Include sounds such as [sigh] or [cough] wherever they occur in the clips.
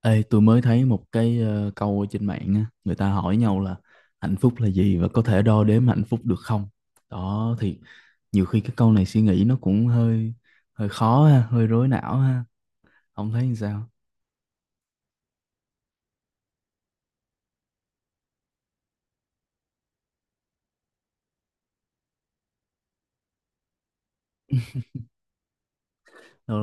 Ê, tôi mới thấy một cái câu ở trên mạng á, người ta hỏi nhau là hạnh phúc là gì và có thể đo đếm hạnh phúc được không? Đó thì nhiều khi cái câu này suy nghĩ nó cũng hơi hơi khó ha, hơi rối não ha, ông thấy như sao? Ờ,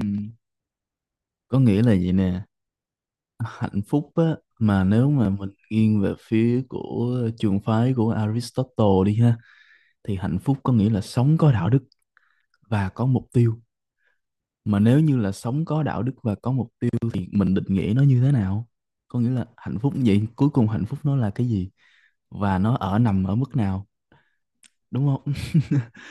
ừm, có nghĩa là gì nè, hạnh phúc á mà nếu mà mình nghiêng về phía của trường phái của Aristotle đi ha thì hạnh phúc có nghĩa là sống có đạo đức và có mục tiêu, mà nếu như là sống có đạo đức và có mục tiêu thì mình định nghĩa nó như thế nào, có nghĩa là hạnh phúc vậy cuối cùng hạnh phúc nó là cái gì và nó ở nằm ở mức nào, đúng không? [laughs]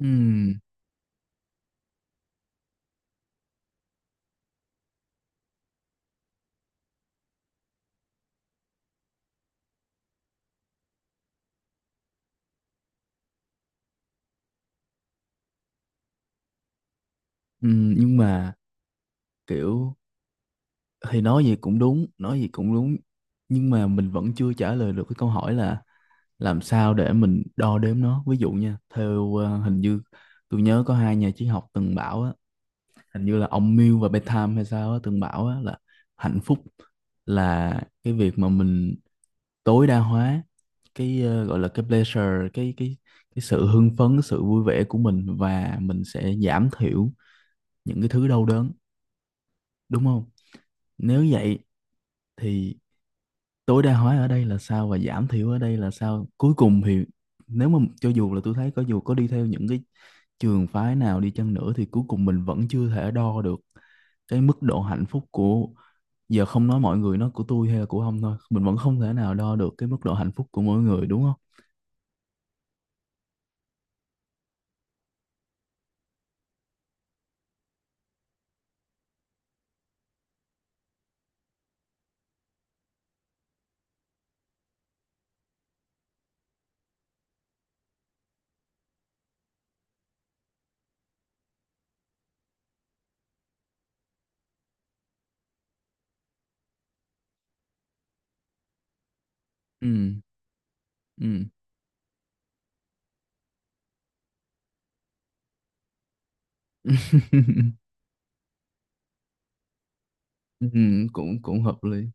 Ừm, nhưng mà kiểu thì nói gì cũng đúng, nói gì cũng đúng, nhưng mà mình vẫn chưa trả lời được cái câu hỏi là làm sao để mình đo đếm nó, ví dụ nha, theo hình như tôi nhớ có hai nhà triết học từng bảo á, hình như là ông Mill và Bentham hay sao á từng bảo á là hạnh phúc là cái việc mà mình tối đa hóa cái gọi là cái pleasure cái cái sự hưng phấn, cái sự vui vẻ của mình, và mình sẽ giảm thiểu những cái thứ đau đớn, đúng không? Nếu vậy thì tối đa hóa ở đây là sao và giảm thiểu ở đây là sao, cuối cùng thì nếu mà cho dù là tôi thấy có dù có đi theo những cái trường phái nào đi chăng nữa thì cuối cùng mình vẫn chưa thể đo được cái mức độ hạnh phúc của, giờ không nói mọi người, nó của tôi hay là của ông thôi, mình vẫn không thể nào đo được cái mức độ hạnh phúc của mỗi người, đúng không? Ừ. Ừ. [laughs] Ừ, cũng cũng hợp lý.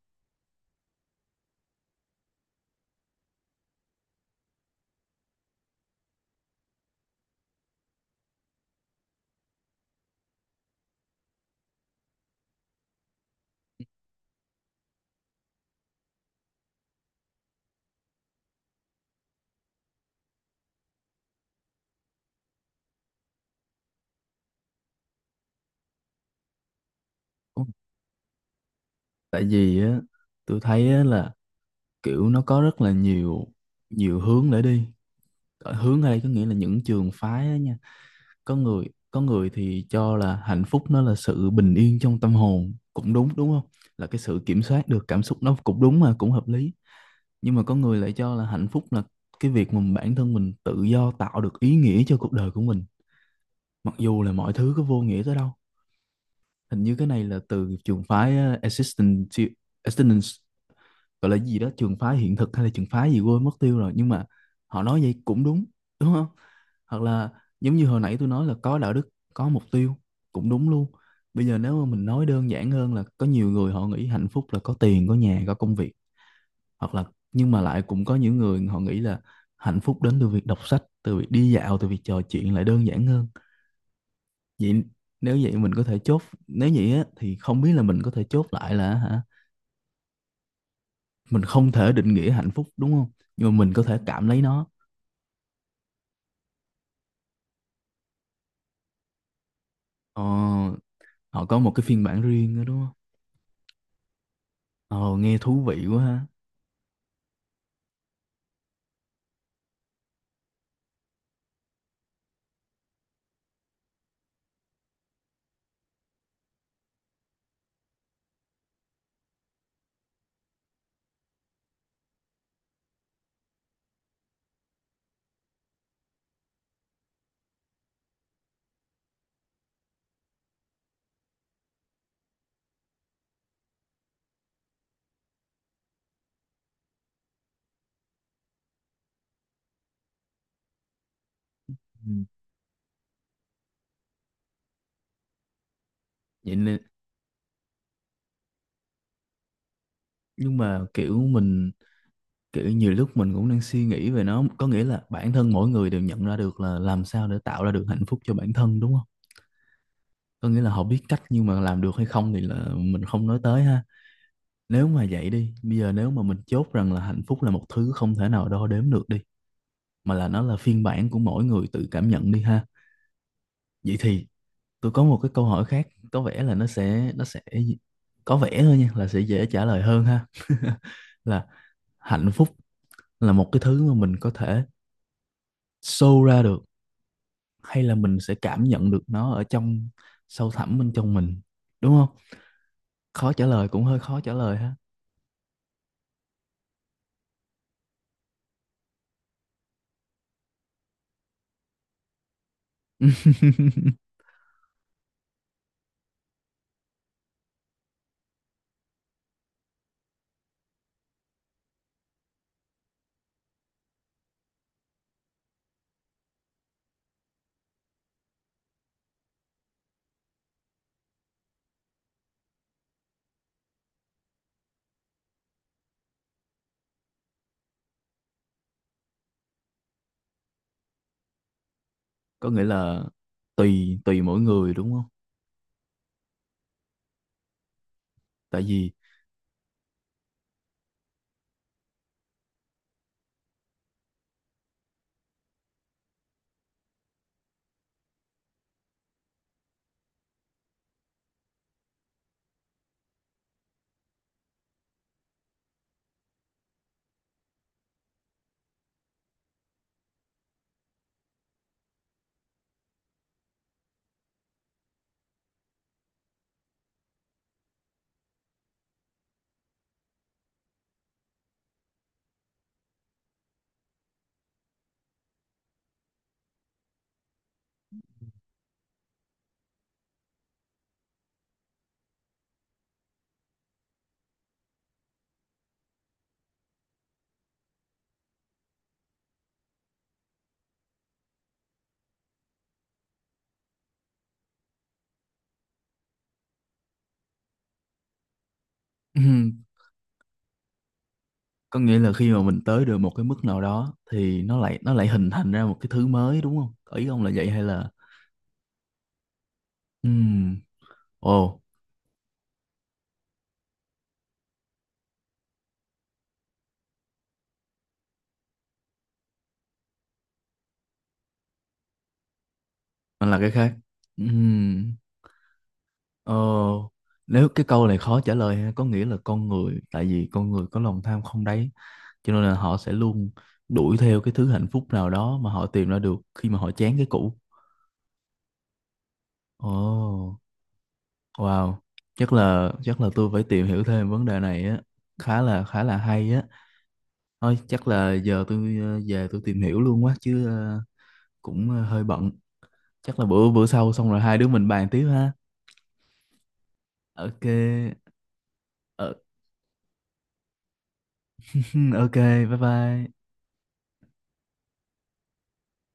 Ủa, tại vì á tôi thấy á là kiểu nó có rất là nhiều, nhiều hướng để đi. Ở hướng ở đây có nghĩa là những trường phái á nha. Có người, có người thì cho là hạnh phúc nó là sự bình yên trong tâm hồn, cũng đúng, đúng không, là cái sự kiểm soát được cảm xúc, nó cũng đúng mà cũng hợp lý. Nhưng mà có người lại cho là hạnh phúc là cái việc mà bản thân mình tự do tạo được ý nghĩa cho cuộc đời của mình, mặc dù là mọi thứ có vô nghĩa tới đâu. Hình như cái này là từ trường phái existential, existence, gọi là gì đó, trường phái hiện thực hay là trường phái gì quên mất tiêu rồi, nhưng mà họ nói vậy cũng đúng, đúng không? Hoặc là, giống như hồi nãy tôi nói là có đạo đức có mục tiêu, cũng đúng luôn. Bây giờ nếu mà mình nói đơn giản hơn là có nhiều người họ nghĩ hạnh phúc là có tiền, có nhà, có công việc, hoặc là, nhưng mà lại cũng có những người họ nghĩ là hạnh phúc đến từ việc đọc sách, từ việc đi dạo, từ việc trò chuyện, lại đơn giản hơn. Vậy nếu vậy mình có thể chốt, nếu vậy á, thì không biết là mình có thể chốt lại là hả, mình không thể định nghĩa hạnh phúc đúng không, nhưng mà mình có thể cảm lấy nó. Ờ, họ có một cái phiên bản riêng đó đúng không? Ờ, nghe thú vị quá ha. Ừ. Vậy nên, nhưng mà kiểu mình, kiểu nhiều lúc mình cũng đang suy nghĩ về nó, có nghĩa là bản thân mỗi người đều nhận ra được là làm sao để tạo ra được hạnh phúc cho bản thân, đúng không? Có nghĩa là họ biết cách, nhưng mà làm được hay không thì là mình không nói tới ha. Nếu mà vậy đi, bây giờ nếu mà mình chốt rằng là hạnh phúc là một thứ không thể nào đo đếm được đi, mà là nó là phiên bản của mỗi người tự cảm nhận đi ha, vậy thì tôi có một cái câu hỏi khác có vẻ là nó sẽ, có vẻ thôi nha, là sẽ dễ trả lời hơn ha. [laughs] Là hạnh phúc là một cái thứ mà mình có thể show ra được hay là mình sẽ cảm nhận được nó ở trong sâu thẳm bên trong mình, đúng không? Khó trả lời, cũng hơi khó trả lời ha. [laughs] Có nghĩa là tùy tùy mỗi người đúng không? Tại vì [clears throat] có nghĩa là khi mà mình tới được một cái mức nào đó thì nó lại hình thành ra một cái thứ mới, đúng không? Ý ông là vậy hay là. Ừm, ồ, nó là cái khác. Ừm, ờ, nếu cái câu này khó trả lời ha, có nghĩa là con người, tại vì con người có lòng tham không đáy, cho nên là họ sẽ luôn đuổi theo cái thứ hạnh phúc nào đó mà họ tìm ra được khi mà họ chán cái cũ. Ồ. Wow, chắc là tôi phải tìm hiểu thêm vấn đề này á, khá là hay á. Thôi chắc là giờ tôi về tôi tìm hiểu luôn quá chứ, cũng hơi bận. Chắc là bữa bữa sau xong rồi hai đứa mình bàn tiếp ha. Ok, ờ, [laughs] ok, bye bye.